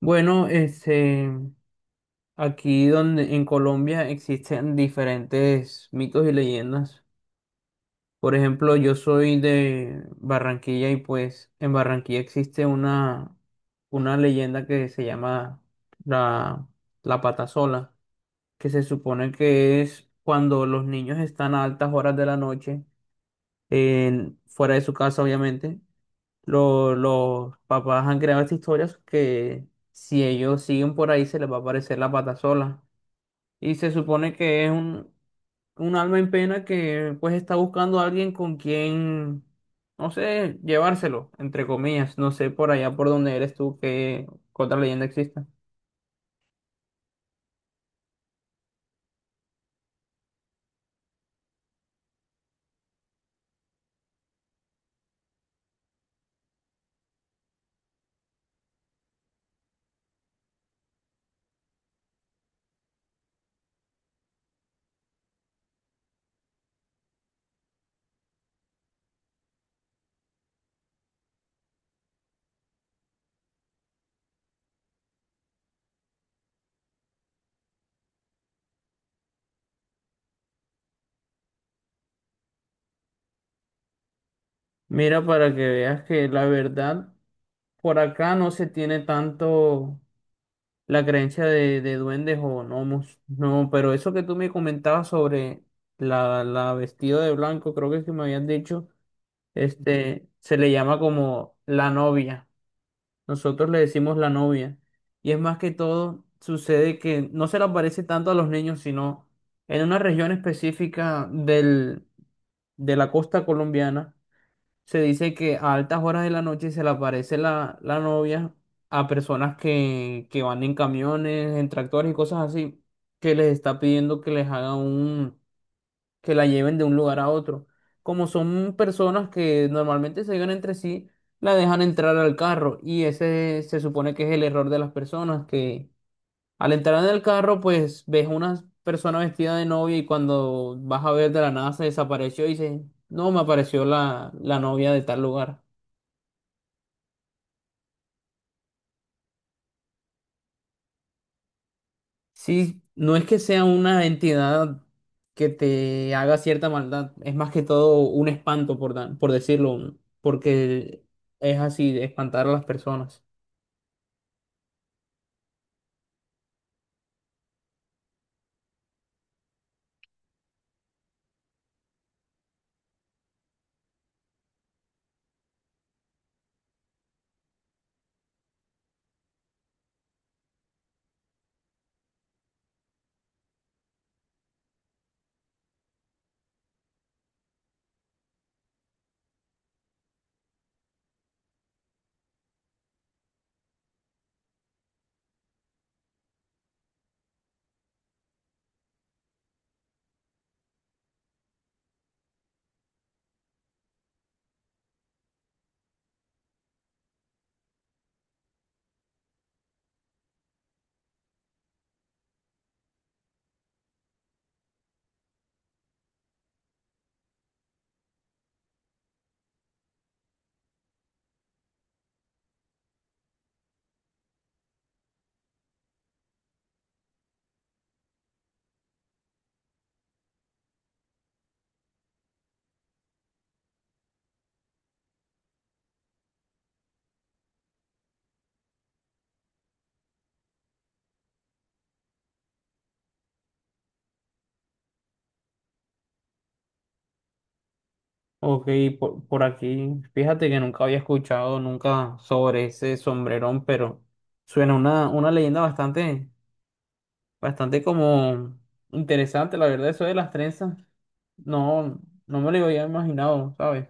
Bueno, este, aquí donde en Colombia existen diferentes mitos y leyendas. Por ejemplo, yo soy de Barranquilla y pues en Barranquilla existe una leyenda que se llama la, la pata sola, que se supone que es cuando los niños están a altas horas de la noche, fuera de su casa obviamente, los papás han creado estas historias que si ellos siguen por ahí se les va a aparecer la pata sola. Y se supone que es un alma en pena que pues está buscando a alguien con quien, no sé, llevárselo, entre comillas. No sé por allá por donde eres tú que otra leyenda exista. Mira, para que veas que la verdad por acá no se tiene tanto la creencia de duendes o gnomos. No, pero eso que tú me comentabas sobre la vestida de blanco, creo que es que me habían dicho, este, se le llama como la novia. Nosotros le decimos la novia. Y es más que todo, sucede que no se le aparece tanto a los niños, sino en una región específica de la costa colombiana se dice que a altas horas de la noche se le aparece la novia a personas que van en camiones, en tractores y cosas así, que les está pidiendo que les haga un, que la lleven de un lugar a otro. Como son personas que normalmente se llevan entre sí, la dejan entrar al carro y ese se supone que es el error de las personas, que al entrar en el carro pues ves una persona vestida de novia y cuando vas a ver de la nada se desapareció y dices, no, me apareció la novia de tal lugar. Sí, no es que sea una entidad que te haga cierta maldad, es más que todo un espanto, por decirlo, porque es así, de espantar a las personas. Ok, por aquí, fíjate que nunca había escuchado nunca sobre ese sombrerón, pero suena una leyenda bastante, bastante como interesante, la verdad, eso de las trenzas, no, no me lo había imaginado, ¿sabes?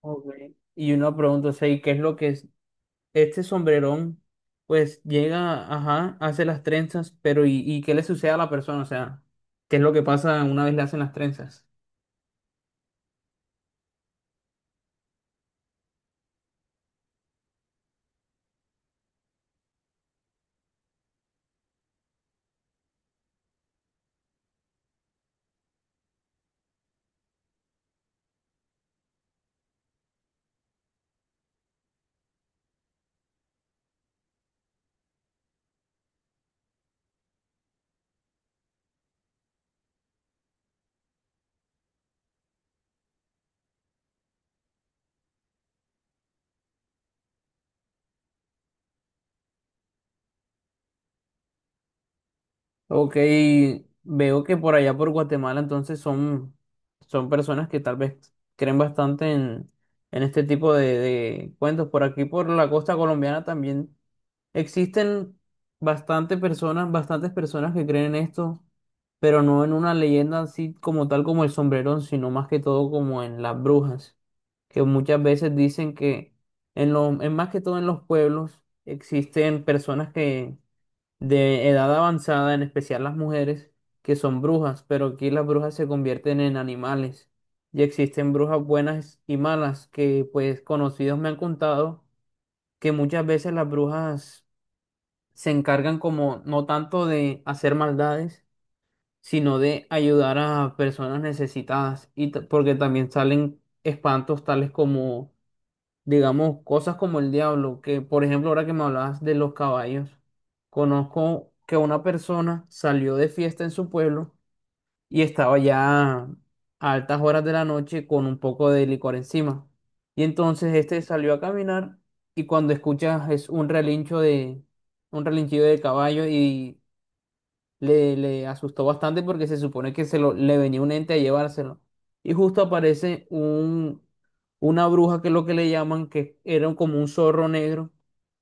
Ok. Y una pregunta, o sea, ¿y qué es lo que este sombrerón, pues llega, ajá, hace las trenzas, pero y qué le sucede a la persona? O sea, ¿qué es lo que pasa una vez le hacen las trenzas? Ok, veo que por allá por Guatemala entonces son, son personas que tal vez creen bastante en este tipo de cuentos. Por aquí, por la costa colombiana también existen bastante personas, bastantes personas que creen en esto, pero no en una leyenda así como tal como el sombrerón, sino más que todo como en las brujas. Que muchas veces dicen que en más que todo en los pueblos existen personas que de edad avanzada, en especial las mujeres, que son brujas, pero aquí las brujas se convierten en animales. Y existen brujas buenas y malas, que pues conocidos me han contado que muchas veces las brujas se encargan como no tanto de hacer maldades, sino de ayudar a personas necesitadas, y porque también salen espantos tales como digamos, cosas como el diablo, que por ejemplo, ahora que me hablabas de los caballos, conozco que una persona salió de fiesta en su pueblo y estaba ya a altas horas de la noche con un poco de licor encima. Y entonces este salió a caminar y cuando escuchas es un relincho de, un relinchido de caballo y le asustó bastante porque se supone que se le venía un ente a llevárselo. Y justo aparece un, una bruja que es lo que le llaman, que era como un zorro negro.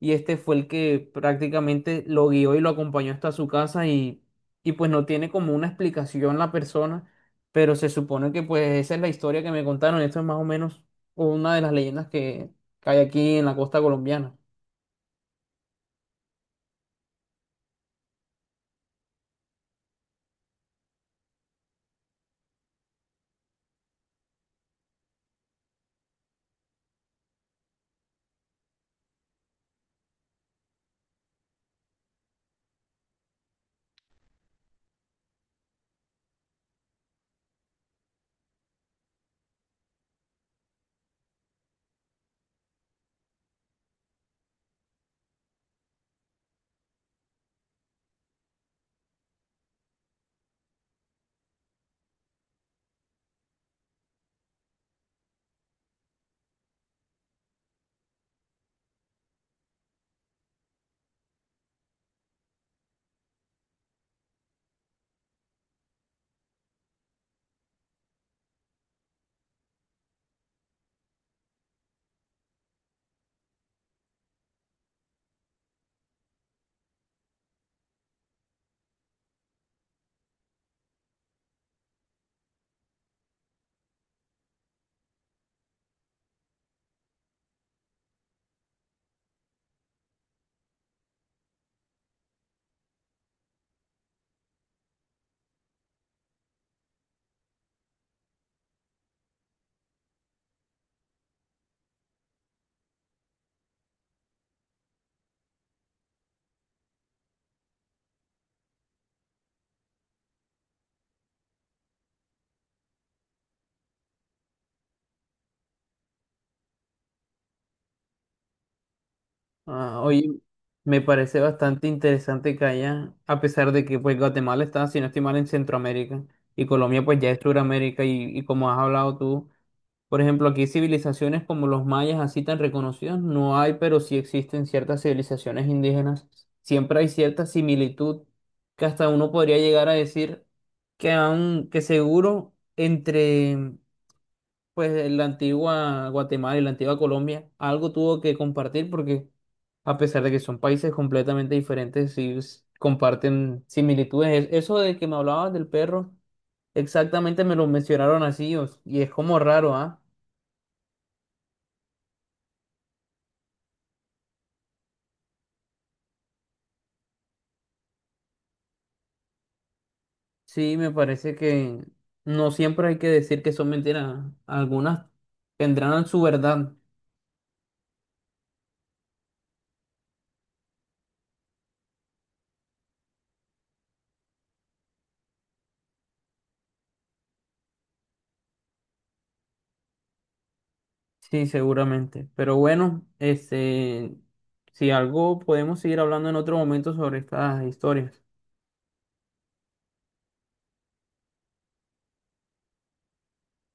Y este fue el que prácticamente lo guió y lo acompañó hasta su casa y pues no tiene como una explicación la persona, pero se supone que pues esa es la historia que me contaron. Esto es más o menos una de las leyendas que hay aquí en la costa colombiana. Ah, oye, me parece bastante interesante que haya, a pesar de que pues Guatemala está, si no estoy mal, en Centroamérica y Colombia pues ya es Suramérica y como has hablado tú, por ejemplo, aquí civilizaciones como los mayas así tan reconocidas no hay, pero sí existen ciertas civilizaciones indígenas. Siempre hay cierta similitud que hasta uno podría llegar a decir que seguro entre pues la antigua Guatemala y la antigua Colombia algo tuvo que compartir porque a pesar de que son países completamente diferentes, comparten similitudes. Eso de que me hablabas del perro, exactamente me lo mencionaron así y es como raro, ¿ah? Sí, me parece que no siempre hay que decir que son mentiras, algunas tendrán su verdad. Sí, seguramente. Pero bueno, este, si algo podemos seguir hablando en otro momento sobre estas historias.